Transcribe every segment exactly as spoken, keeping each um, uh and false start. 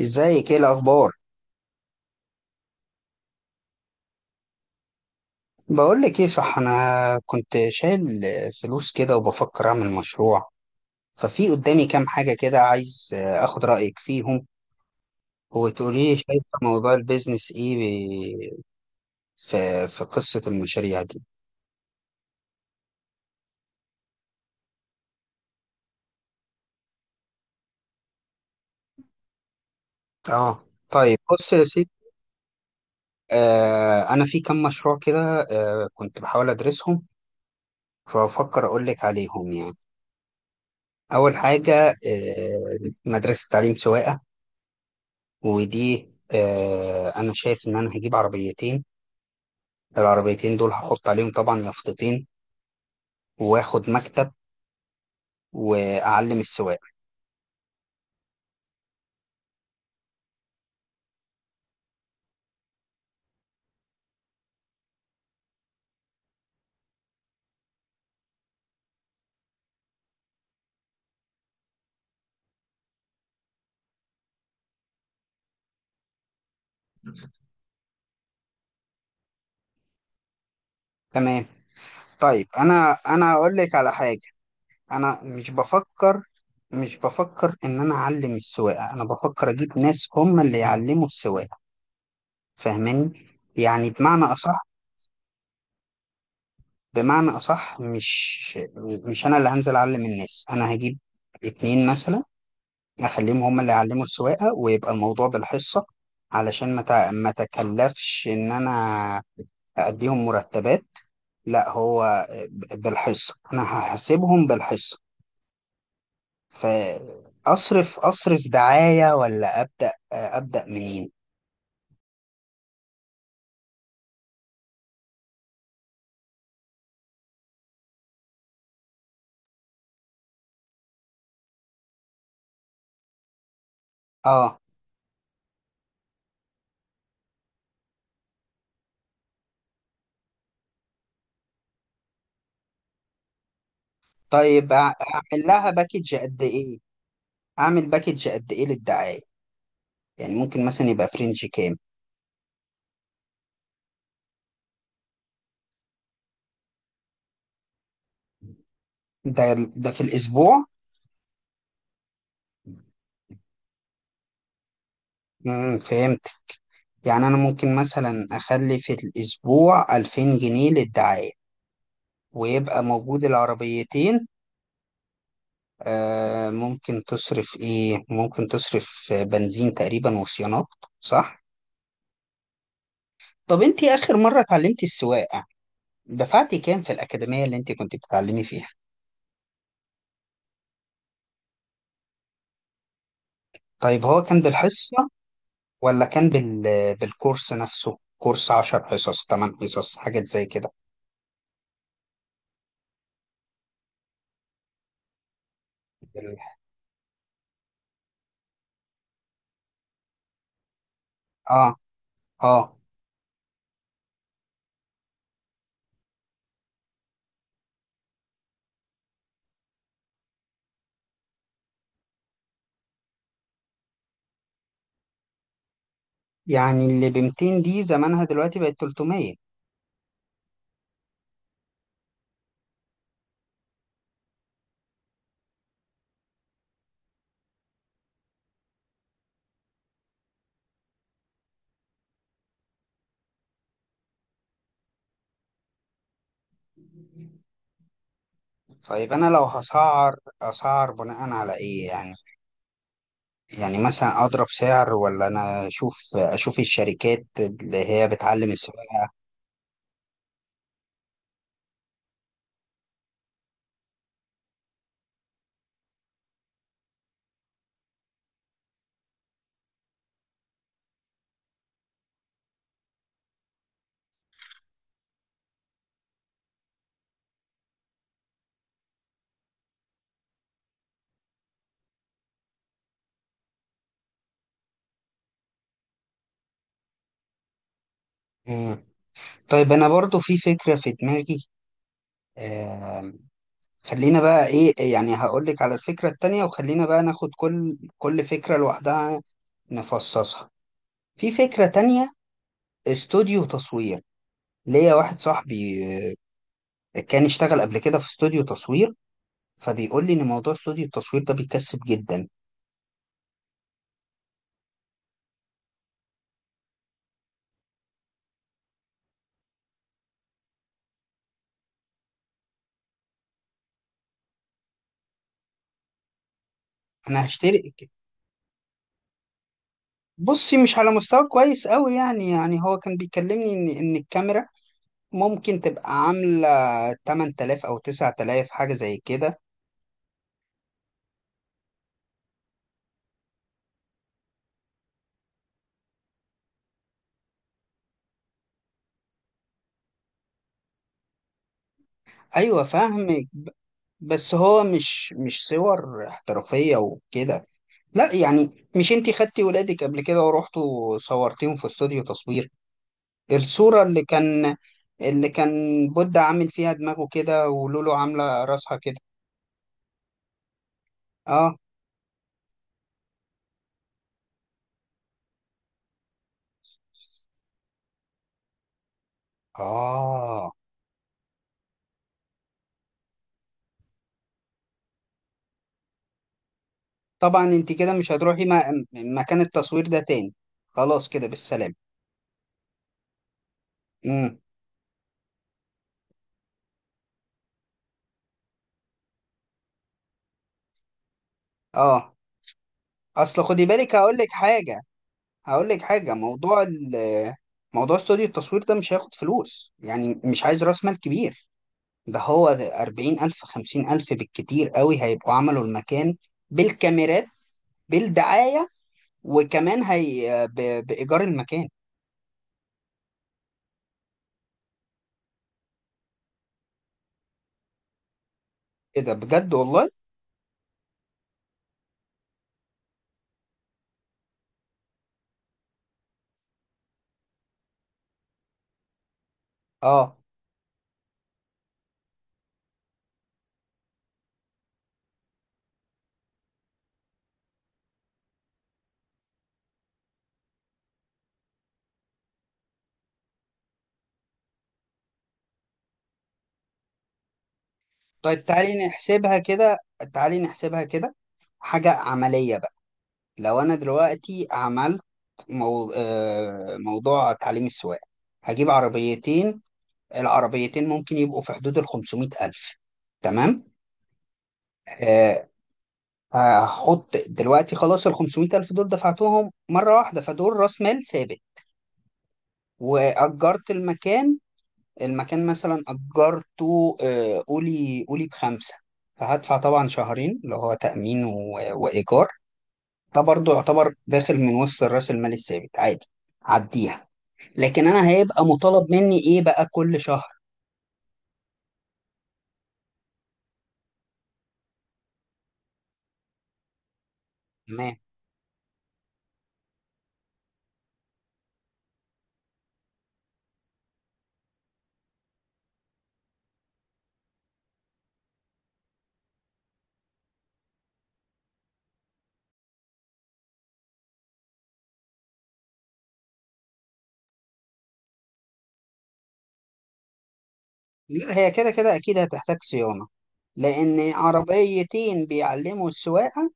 ازيك؟ ايه الاخبار؟ بقول لك ايه، صح؟ انا كنت شايل فلوس كده وبفكر اعمل مشروع، ففي قدامي كام حاجه كده عايز اخد رايك فيهم وتقولي لي شايفه موضوع البيزنس ايه ب- في في قصه المشاريع دي. اه طيب بص يا سيدي. آه انا في كام مشروع كده، آه كنت بحاول ادرسهم، فبفكر اقول لك عليهم يعني. اول حاجه، آه مدرسه تعليم سواقه. ودي آه انا شايف ان انا هجيب عربيتين، العربيتين دول هحط عليهم طبعا مفطتين، واخد مكتب، واعلم السواق. تمام. طيب انا انا اقول لك على حاجه. انا مش بفكر مش بفكر ان انا اعلم السواقه، انا بفكر اجيب ناس هم اللي يعلموا السواقه، فاهماني؟ يعني بمعنى اصح، بمعنى اصح مش، مش انا اللي هنزل اعلم الناس، انا هجيب اتنين مثلا، اخليهم هم اللي يعلموا السواقه، ويبقى الموضوع بالحصه، علشان ما تع- ما تكلفش ان انا هأديهم مرتبات. لا هو بالحصة، أنا هحاسبهم بالحصة. فأصرف أصرف دعاية، ولا أبدأ أبدأ منين؟ آه طيب، أع- أعمل لها باكج قد إيه؟ أعمل باكج قد إيه للدعاية؟ يعني ممكن مثلا يبقى فرنج كام؟ ده ده في الأسبوع؟ مم فهمت. يعني أنا ممكن مثلا أخلي في الأسبوع ألفين جنيه للدعاية، ويبقى موجود العربيتين. آه ممكن تصرف ايه، ممكن تصرف آه، بنزين تقريبا وصيانات، صح؟ طب انت اخر مرة اتعلمتي السواقة دفعتي كام في الأكاديمية اللي انت كنت بتتعلمي فيها؟ طيب هو كان بالحصة ولا كان بال... بالكورس نفسه؟ كورس عشر حصص، تمن حصص، حاجات زي كده. بال- اه اه. يعني اللي ب ميتين دي زمانها دلوقتي بقت تلتمية. طيب انا لو هسعر، اسعر بناء على ايه يعني؟ يعني مثلا اضرب سعر، ولا انا اشوف اشوف الشركات اللي هي بتعلم السواقه؟ مم. طيب انا برضو في فكره في دماغي. آم، خلينا بقى ايه يعني، هقول لك على الفكره التانية، وخلينا بقى ناخد كل كل فكره لوحدها، نفصصها. في فكره تانية: استوديو تصوير. ليا واحد صاحبي آه، كان اشتغل قبل كده في استوديو تصوير، فبيقول لي ان موضوع استوديو التصوير ده بيكسب جدا. انا هشترك. بصي، مش على مستوى كويس قوي يعني، يعني هو كان بيكلمني ان ان الكاميرا ممكن تبقى عامله تمنتلاف او تسعتلاف، حاجه زي كده. ايوه فاهمك، ب- بس هو مش مش صور احترافيه وكده. لا يعني، مش انتي خدتي ولادك قبل كده ورحتوا صورتيهم في استوديو تصوير؟ الصوره اللي كان اللي كان بودة عامل فيها دماغه كده، ولولو عامله راسها كده. اه. اه طبعا، انت كده مش هتروحي م- مكان التصوير ده تاني، خلاص كده بالسلامة. امم اه. اصل خدي بالك هقول لك حاجة، هقول لك حاجة موضوع ال موضوع استوديو التصوير ده مش هياخد فلوس، يعني مش عايز راس مال كبير. ده هو أربعين ألف، خمسين ألف بالكتير قوي، هيبقوا عملوا المكان، بالكاميرات، بالدعاية، وكمان هي ب... بإيجار المكان. ايه ده بجد؟ والله! اه. طيب تعالي نحسبها كده تعالي نحسبها كده، حاجة عملية. لو انا دلوقتي عملت، مو... آه، موضوع تعليم السواقه، هجيب عربيتين. العربيتين ممكن يبقوا في حدود ال خمسمية الف، تمام. آه، هحط دلوقتي خلاص، ال خمسمائة الف دول دفعتهم مره واحده، فدول راس مال ثابت. واجرت المكان، المكان مثلا اجرته، آه، قولي قولي بخمسه. فهدفع طبعا شهرين، اللي هو تامين و... وايجار. ده برضه يعتبر داخل من وسط راس المال الثابت، عادي، عديها. لكن انا هيبقى مطالب مني ايه بقى كل شهر؟ تمام. لا هي كده كده اكيد هتحتاج صيانة، لان عربيتين بيعلموا السواقة،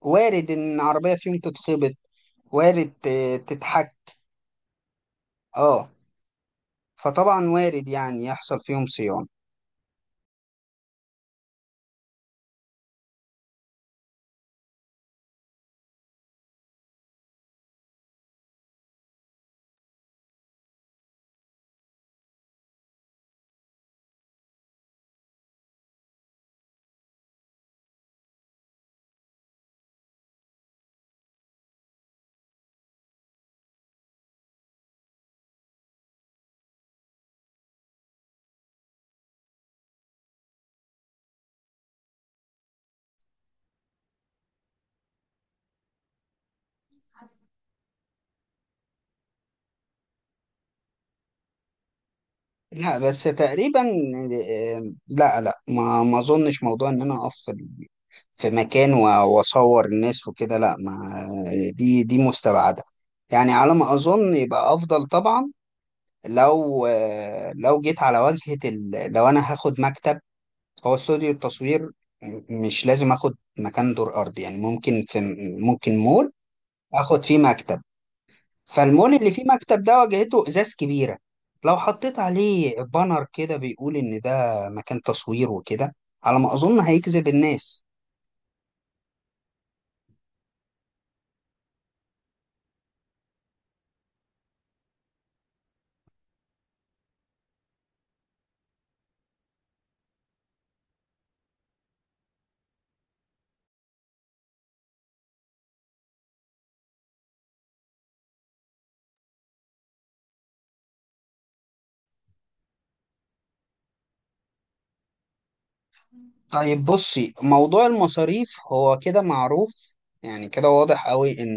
وارد ان عربية فيهم تتخبط، وارد ت- تتحك. اه. فطبعا وارد يعني يحصل فيهم صيانة. لا بس تقريبا، آه، لا لا، ما ما اظنش موضوع ان انا اقف في في مكان و- واصور الناس وكده، لا ما، دي دي مستبعدة. يعني على ما اظن يبقى افضل طبعا لو، آه، لو جيت على واجهة ال... لو أنا هاخد مكتب. هو استوديو التصوير م- مش لازم آخد مكان دور أرضي، يعني ممكن في، ممكن مول آخد فيه مكتب. فالمول اللي فيه مكتب ده واجهته إزاز كبيرة، لو حطيت عليه بانر كده بيقول إن ده مكان تصوير وكده، على ما أظن هيجذب الناس. طيب بصي، موضوع المصاريف هو كده معروف، يعني كده واضح قوي إن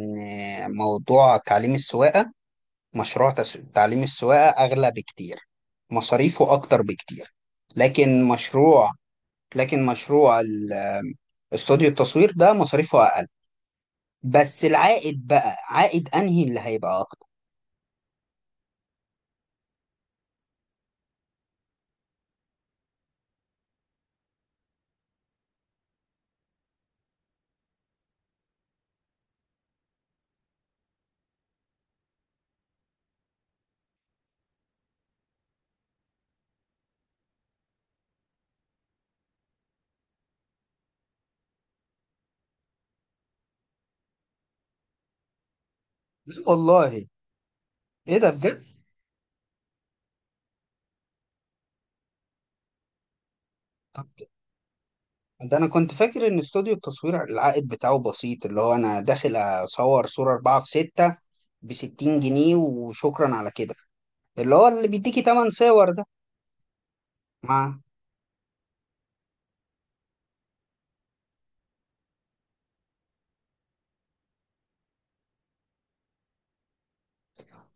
موضوع تعليم السواقة، مشروع تس- تعليم السواقة أغلى بكتير، مصاريفه أكتر بكتير. لكن مشروع، لكن مشروع ال- استوديو التصوير ده مصاريفه أقل. بس العائد بقى، عائد أنهي اللي هيبقى أكتر؟ لا والله، إيه ده بجد؟ طب ده أنا كنت فاكر إن استوديو التصوير العائد بتاعه بسيط، اللي هو أنا داخل أصور صورة أربعة في ستة بستين جنيه وشكرا على كده، اللي هو اللي بيديكي تمن صور ده. مع.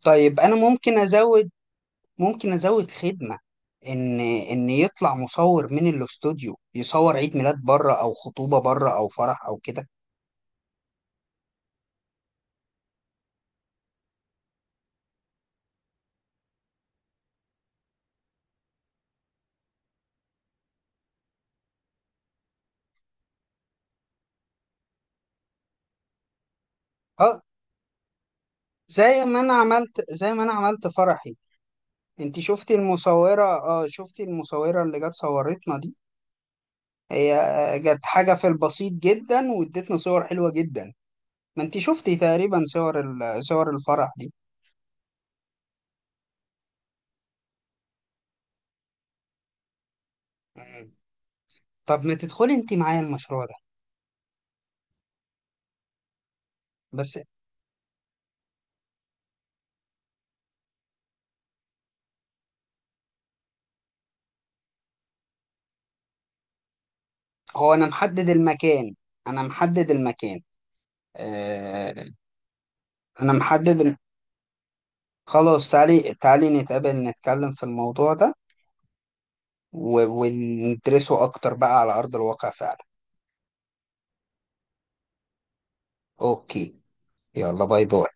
طيب أنا ممكن أزود، ممكن ازود خدمه، ان ان يطلع مصور من الاستوديو يصور عيد ميلاد بره، او خطوبه بره، او فرح، او كده. اه. زي ما انا عملت زي ما انا عملت فرحي. انت شفتي المصوره؟ اه، شفتي المصوره اللي جت صورتنا دي. هي آه، جت حاجه في البسيط جدا، وادتنا صور حلوه جدا. ما انت شفتي تقريبا صور ال- صور الفرح دي. مم. طب ما تدخلي انت معايا المشروع ده. بس هو انا محدد المكان، انا محدد المكان آه، انا محدد إن- خلاص، تعالي تعالي نتقابل، نتكلم في الموضوع ده، و- وندرسه اكتر بقى على ارض الواقع فعلا. اوكي، يلا باي باي.